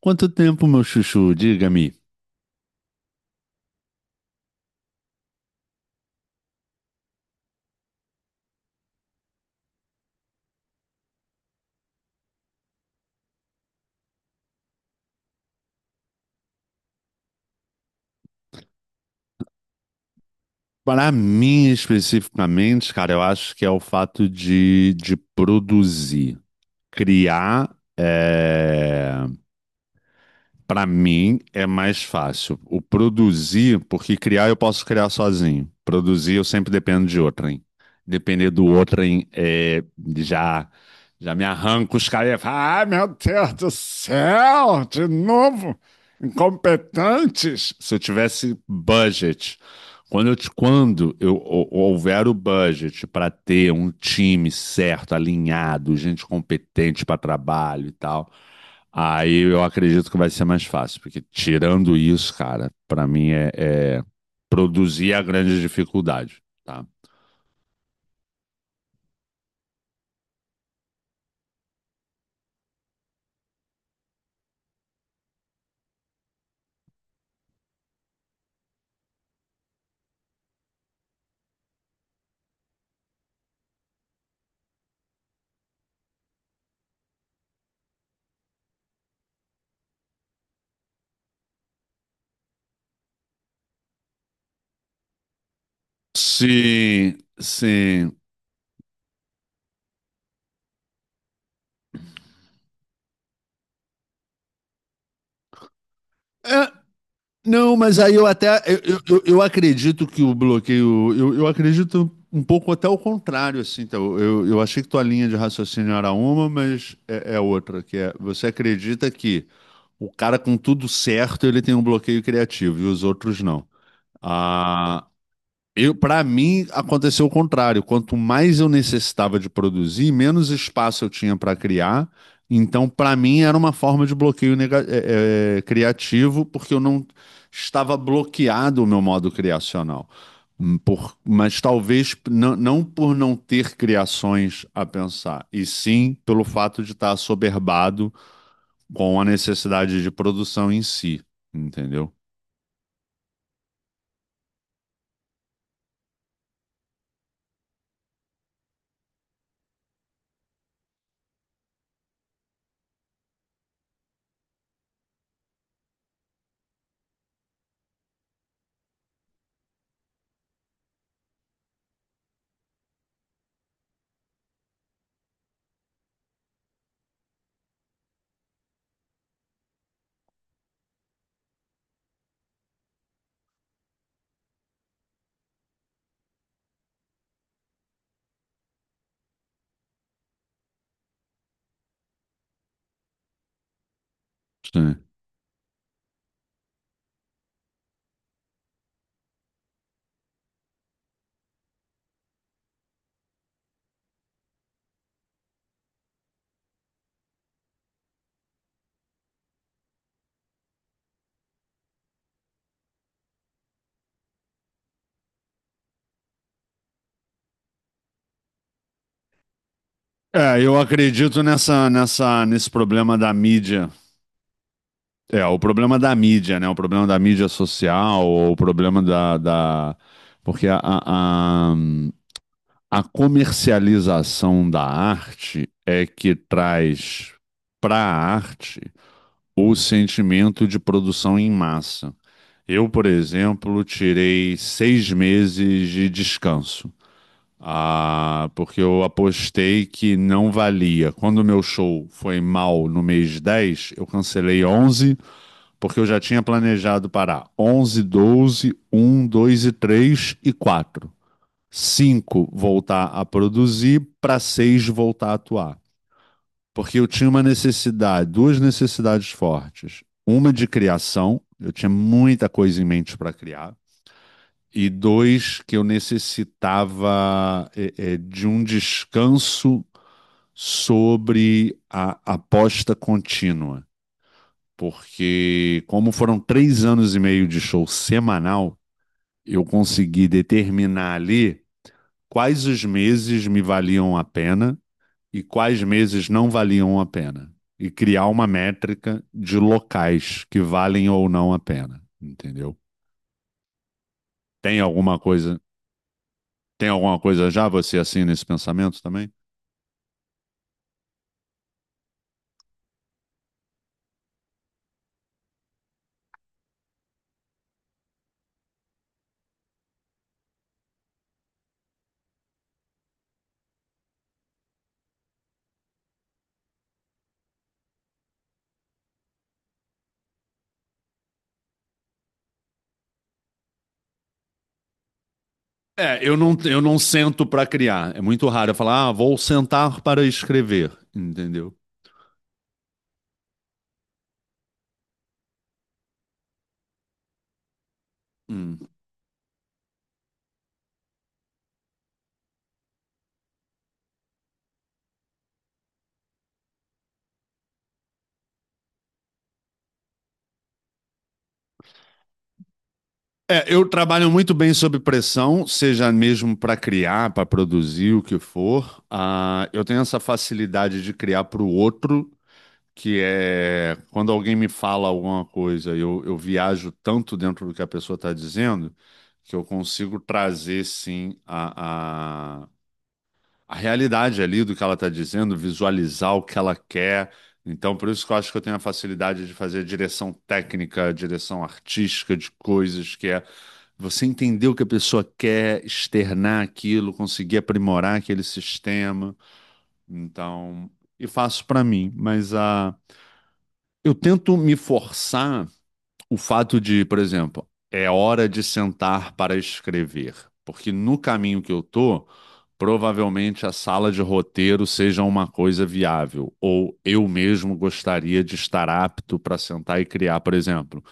Quanto tempo, meu chuchu? Diga-me. Para mim, especificamente, cara, eu acho que é o fato de produzir. Criar, é... para mim, é mais fácil. O produzir, porque criar eu posso criar sozinho. Produzir eu sempre dependo de outrem. Depender do outrem, já, já me arranco os caras e falo, ai meu Deus do céu, de novo, incompetentes. Se eu tivesse budget. Quando houver o budget para ter um time certo, alinhado, gente competente para trabalho e tal, aí eu acredito que vai ser mais fácil, porque tirando isso, cara, para mim produzir é a grande dificuldade, tá? Sim, sim. É, não, mas aí eu até eu acredito que o bloqueio. Eu acredito um pouco até o contrário, assim. Então, eu achei que tua linha de raciocínio era uma, mas é outra, que é você acredita que o cara com tudo certo ele tem um bloqueio criativo e os outros não. Ah, para mim, aconteceu o contrário. Quanto mais eu necessitava de produzir, menos espaço eu tinha para criar. Então, para mim, era uma forma de bloqueio criativo, porque eu não estava bloqueado o meu modo criacional. Mas talvez não por não ter criações a pensar, e sim pelo fato de estar assoberbado com a necessidade de produção em si, entendeu? Sim. É, eu acredito nesse problema da mídia. É, o problema da mídia, né? O problema da mídia social, ou o problema da. Porque a comercialização da arte é que traz para a arte o sentimento de produção em massa. Eu, por exemplo, tirei 6 meses de descanso. Ah, porque eu apostei que não valia. Quando o meu show foi mal no mês 10, eu cancelei 11, porque eu já tinha planejado parar 11, 12, um, dois e 3 e 4, 5 voltar a produzir, para 6 voltar a atuar. Porque eu tinha uma necessidade, duas necessidades fortes. Uma de criação, eu tinha muita coisa em mente para criar. E dois, que eu necessitava de um descanso sobre a aposta contínua. Porque, como foram 3 anos e meio de show semanal, eu consegui determinar ali quais os meses me valiam a pena e quais meses não valiam a pena. E criar uma métrica de locais que valem ou não a pena, entendeu? Tem alguma coisa, já você assim nesse pensamento também? É, eu não sento para criar. É muito raro eu falar, ah, vou sentar para escrever, entendeu? Hum. É, eu trabalho muito bem sob pressão, seja mesmo para criar, para produzir, o que for. Ah, eu tenho essa facilidade de criar para o outro, que é quando alguém me fala alguma coisa, eu viajo tanto dentro do que a pessoa está dizendo, que eu consigo trazer, sim, a realidade ali do que ela está dizendo, visualizar o que ela quer. Então, por isso que eu acho que eu tenho a facilidade de fazer direção técnica, direção artística de coisas, que é você entender o que a pessoa quer, externar aquilo, conseguir aprimorar aquele sistema. Então, e faço para mim, mas a eu tento me forçar o fato de, por exemplo, é hora de sentar para escrever, porque no caminho que eu tô, provavelmente a sala de roteiro seja uma coisa viável, ou eu mesmo gostaria de estar apto para sentar e criar, por exemplo.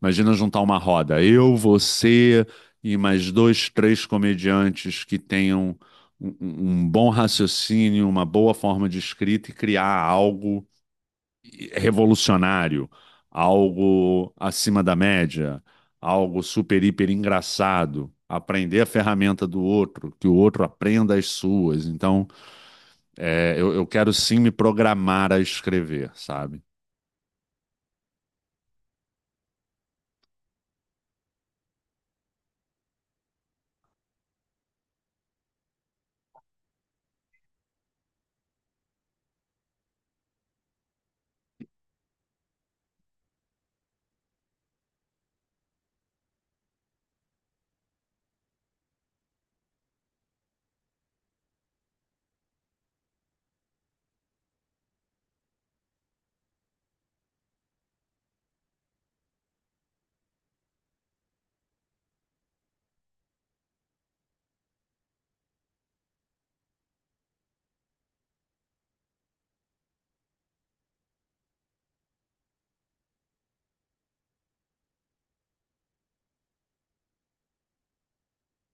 Imagina juntar uma roda, eu, você e mais dois, três comediantes que tenham um bom raciocínio, uma boa forma de escrita e criar algo revolucionário, algo acima da média, algo super, hiper engraçado. Aprender a ferramenta do outro, que o outro aprenda as suas. Então, eu quero sim me programar a escrever, sabe?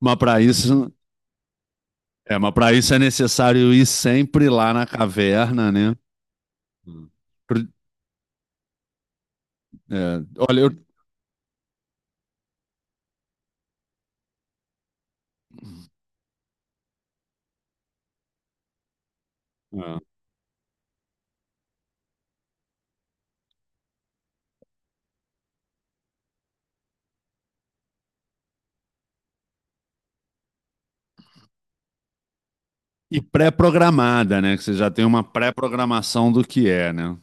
Mas para isso, mas para isso, é necessário ir sempre lá na caverna, né? Hum. Pro- olha, É. E pré-programada, né? Que você já tem uma pré-programação do que é, né?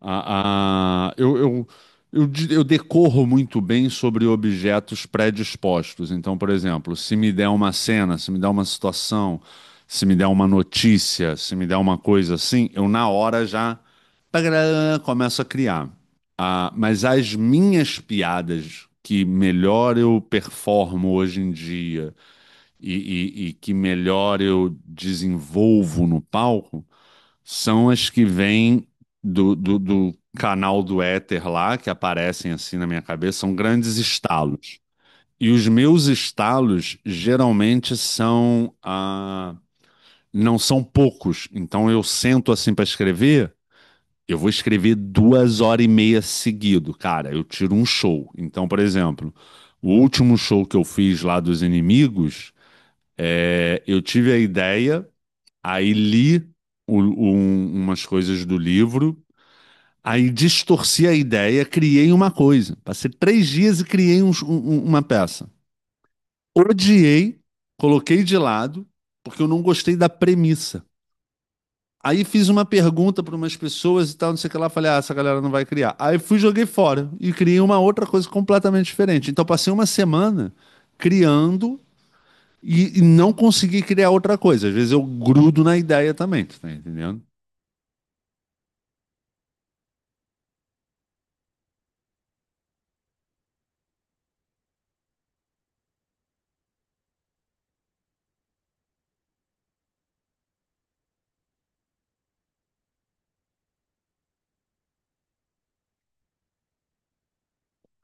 A, a- eu, eu, eu decorro muito bem sobre objetos predispostos. Então, por exemplo, se me der uma cena, se me der uma situação, se me der uma notícia, se me der uma coisa assim, eu na hora já tagará, começo a criar. Ah, mas as minhas piadas que melhor eu performo hoje em dia e, e que melhor eu desenvolvo no palco são as que vêm do canal do éter lá, que aparecem assim na minha cabeça, são grandes estalos. E os meus estalos geralmente são. Ah, não são poucos. Então eu sento assim para escrever. Eu vou escrever 2 horas e meia seguido, cara. Eu tiro um show. Então, por exemplo, o último show que eu fiz lá dos inimigos, eu tive a ideia, aí li umas coisas do livro. Aí distorci a ideia, criei uma coisa. Passei 3 dias e criei uma peça. Odiei, coloquei de lado, porque eu não gostei da premissa. Aí fiz uma pergunta para umas pessoas e tal, não sei o que lá. Falei, ah, essa galera não vai criar. Aí fui, joguei fora e criei uma outra coisa completamente diferente. Então passei uma semana criando e não consegui criar outra coisa. Às vezes eu grudo na ideia também, tu tá entendendo?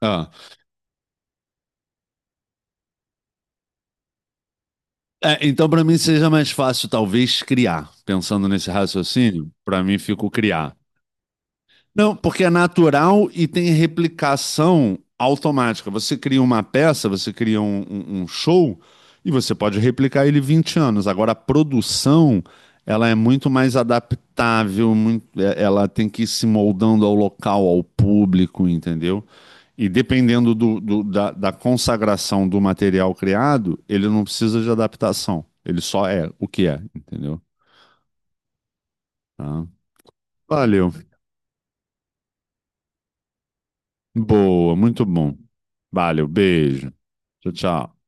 Ah. É, então, para mim, seja mais fácil, talvez, criar. Pensando nesse raciocínio, para mim fica o criar. Não, porque é natural e tem replicação automática. Você cria uma peça, você cria um show e você pode replicar ele 20 anos. Agora, a produção, ela é muito mais adaptável, ela tem que ir se moldando ao local, ao público, entendeu? E dependendo da consagração do material criado, ele não precisa de adaptação. Ele só é o que é, entendeu? Tá? Valeu. Boa, muito bom. Valeu, beijo. Tchau, tchau.